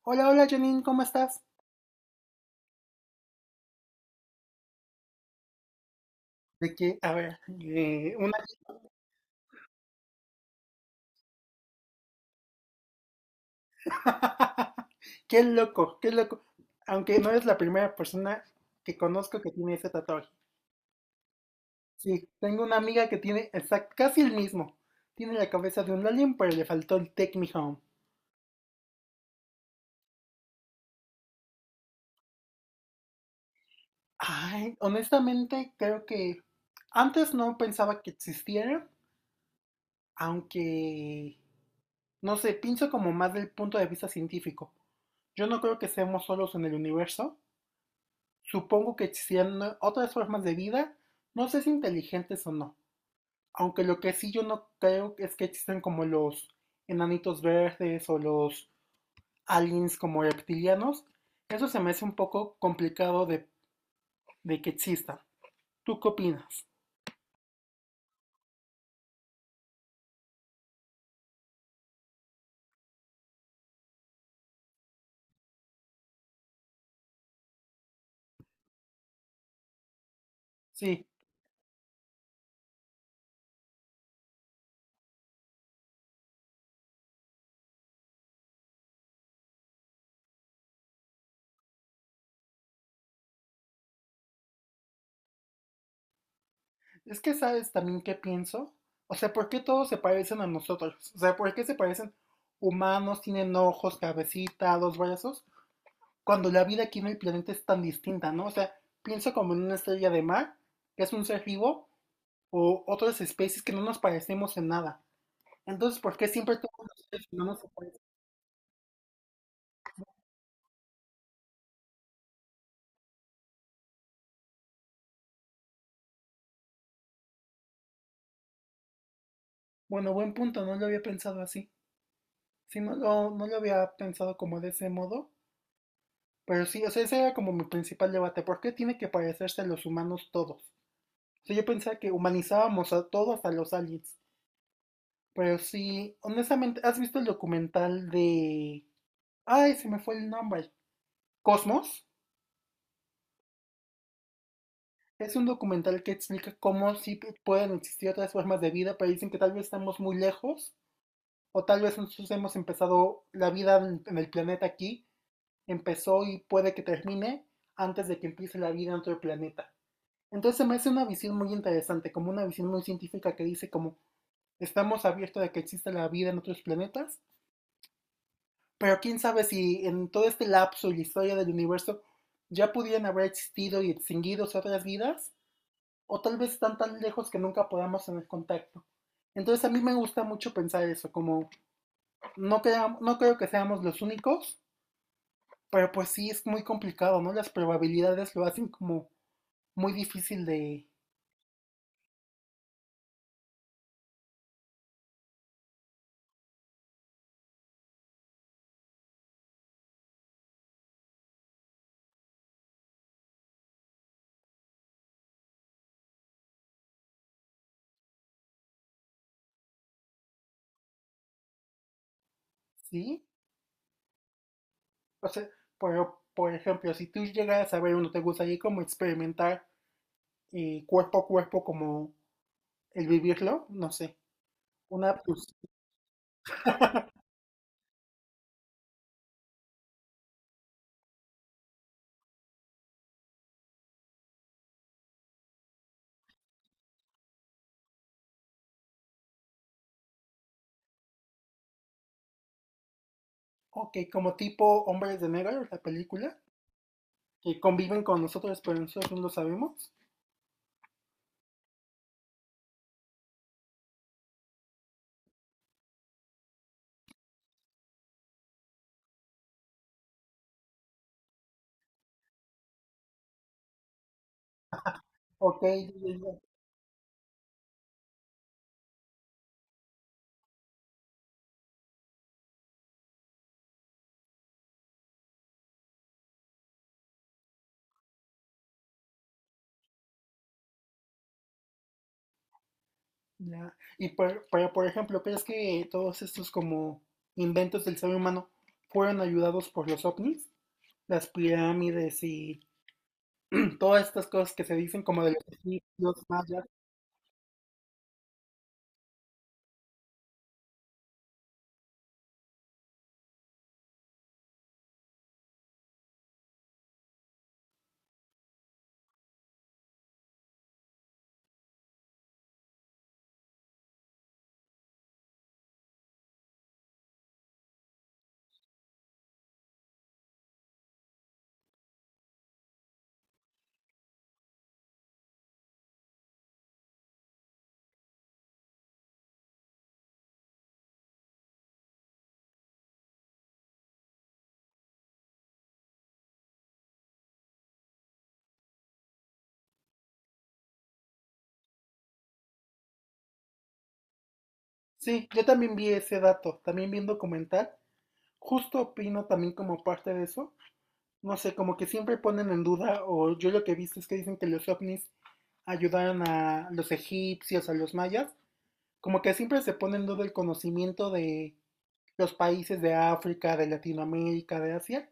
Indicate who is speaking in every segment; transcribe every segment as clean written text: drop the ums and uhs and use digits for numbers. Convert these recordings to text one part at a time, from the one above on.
Speaker 1: Hola, hola Janine, ¿cómo estás? De que, a ver, una... Qué loco, qué loco. Aunque no es la primera persona que conozco que tiene ese tatuaje. Sí, tengo una amiga que tiene casi el mismo. Tiene la cabeza de un alien, pero le faltó el Take Me Home. Ay, honestamente creo que antes no pensaba que existiera, aunque, no sé, pienso como más del punto de vista científico. Yo no creo que seamos solos en el universo. Supongo que existirán otras formas de vida, no sé si inteligentes o no. Aunque lo que sí yo no creo es que existan como los enanitos verdes o los aliens como reptilianos. Eso se me hace un poco complicado de que existan. ¿Tú qué opinas? Sí, es que sabes también qué pienso. O sea, ¿por qué todos se parecen a nosotros? O sea, ¿por qué se parecen humanos, tienen ojos, cabecita, dos brazos? Cuando la vida aquí en el planeta es tan distinta, ¿no? O sea, piensa como en una estrella de mar, que es un ser vivo, o otras especies que no nos parecemos en nada. Entonces, ¿por qué siempre todos los seres humanos se parecen? Bueno, buen punto, no lo había pensado así. Sí, no, no lo había pensado como de ese modo. Pero sí, o sea, ese era como mi principal debate. ¿Por qué tiene que parecerse a los humanos todos? O sea, yo pensaba que humanizábamos a todos a los aliens. Pero sí, honestamente, ¿has visto el documental de... Ay, se me fue el nombre. ¿Cosmos? Es un documental que explica cómo sí pueden existir otras formas de vida, pero dicen que tal vez estamos muy lejos, o tal vez nosotros hemos empezado la vida el planeta aquí, empezó y puede que termine antes de que empiece la vida en otro planeta. Entonces se me hace una visión muy interesante, como una visión muy científica que dice como estamos abiertos a que exista la vida en otros planetas, pero quién sabe si en todo este lapso y la historia del universo ya pudieran haber existido y extinguidos otras vidas o tal vez están tan lejos que nunca podamos tener contacto. Entonces a mí me gusta mucho pensar eso, como no, no creo que seamos los únicos, pero pues sí es muy complicado, ¿no? Las probabilidades lo hacen como muy difícil de, ¿sí? O sea, pero por ejemplo, si tú llegas a ver uno, ¿te gustaría como experimentar cuerpo a cuerpo como el vivirlo? No sé, una, pues, ok, como tipo Hombres de Negro, la película, que conviven con nosotros, pero nosotros no lo sabemos. Ok. Ya. Por ejemplo, ¿crees que todos estos como inventos del ser humano fueron ayudados por los ovnis? Las pirámides y todas estas cosas que se dicen como de los egipcios, mayas. Sí, yo también vi ese dato, también vi un documental. Justo opino también como parte de eso. No sé, como que siempre ponen en duda, o yo lo que he visto es que dicen que los ovnis ayudaron a los egipcios, a los mayas. Como que siempre se pone en duda el conocimiento de los países de África, de Latinoamérica, de Asia,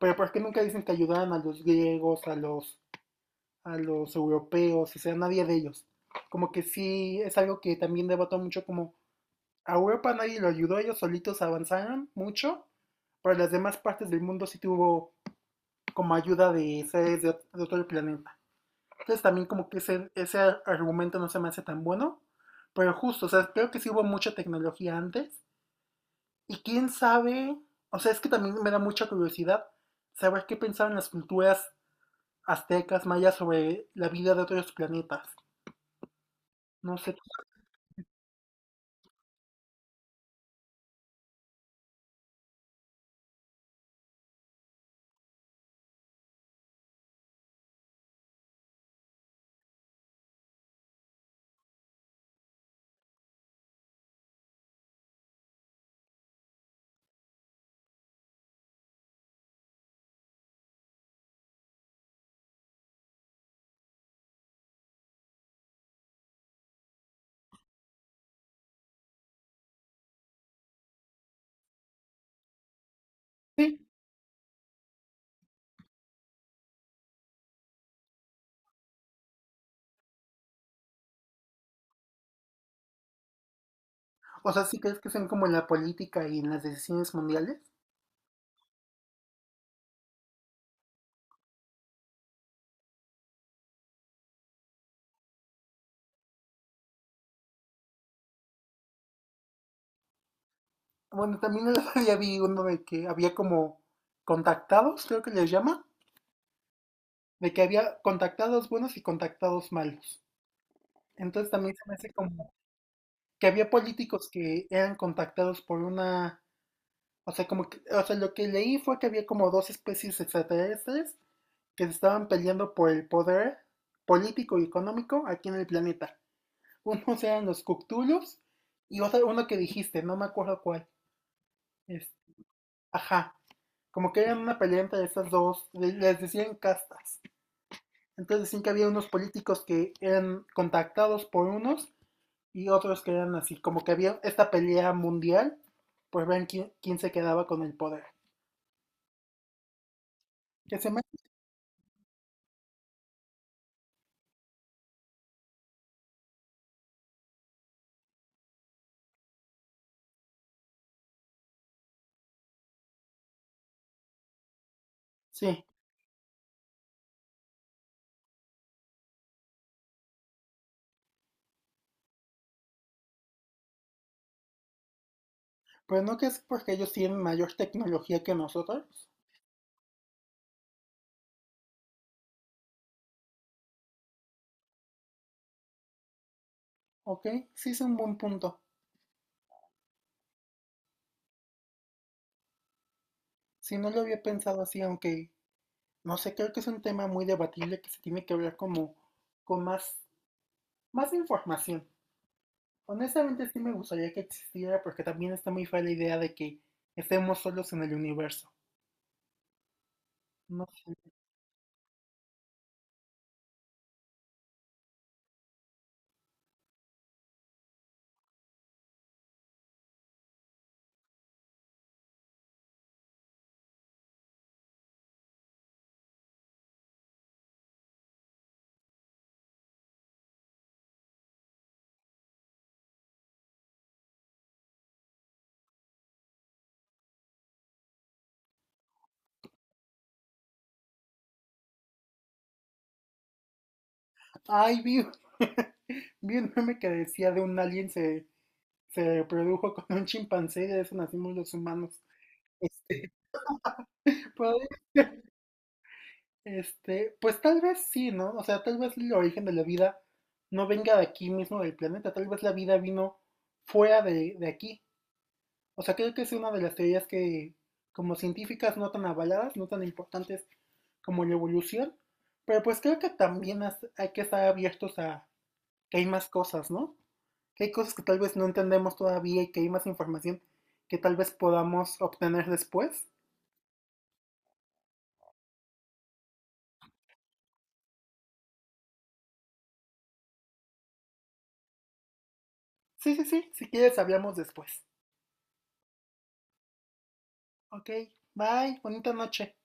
Speaker 1: pero ¿por qué nunca dicen que ayudaban a los griegos, a los europeos, o sea, nadie de ellos? Como que sí, es algo que también debato mucho, como a Europa nadie lo ayudó, ellos solitos avanzaron mucho, pero las demás partes del mundo sí tuvo como ayuda de seres de, otro planeta. Entonces también como que ese argumento no se me hace tan bueno, pero justo, o sea, creo que sí hubo mucha tecnología antes. Y quién sabe, o sea, es que también me da mucha curiosidad saber qué pensaban las culturas aztecas, mayas sobre la vida de otros planetas. No sé, sí, o sea, sí crees que sean como en la política y en las decisiones mundiales. Bueno, también el otro día vi uno de que había como contactados, creo que les llama, de que había contactados buenos y contactados malos. Entonces también se me hace como que había políticos que eran contactados por una. O sea, o sea, lo que leí fue que había como dos especies extraterrestres que se estaban peleando por el poder político y económico aquí en el planeta. Unos eran los Cthulhus y otro, uno que dijiste, no me acuerdo cuál. Es, ajá, como que eran una pelea entre esas dos, les decían castas. Entonces decían que había unos políticos que eran contactados por unos y otros que eran así, como que había esta pelea mundial por ver quién, quién se quedaba con el poder. Que se me... Sí. Pero no que es porque ellos tienen mayor tecnología que nosotros. Ok, sí es un buen punto. Si no lo había pensado así, aunque no sé, creo que es un tema muy debatible que se tiene que hablar como con más, más información. Honestamente sí me gustaría que existiera porque también está muy fea la idea de que estemos solos en el universo. No sé. Ay, vi, vi un meme que decía de un alien se reprodujo con un chimpancé y de eso nacimos los humanos. Este, pero este, pues tal vez sí, ¿no? O sea, tal vez el origen de la vida no venga de aquí mismo del planeta, tal vez la vida vino fuera de aquí. O sea, creo que es una de las teorías que, como científicas, no tan avaladas, no tan importantes como la evolución, pero pues creo que también hay que estar abiertos a que hay más cosas, ¿no? Que hay cosas que tal vez no entendemos todavía y que hay más información que tal vez podamos obtener después. Sí, sí, sí, si quieres hablamos después. Ok, bye, bonita noche.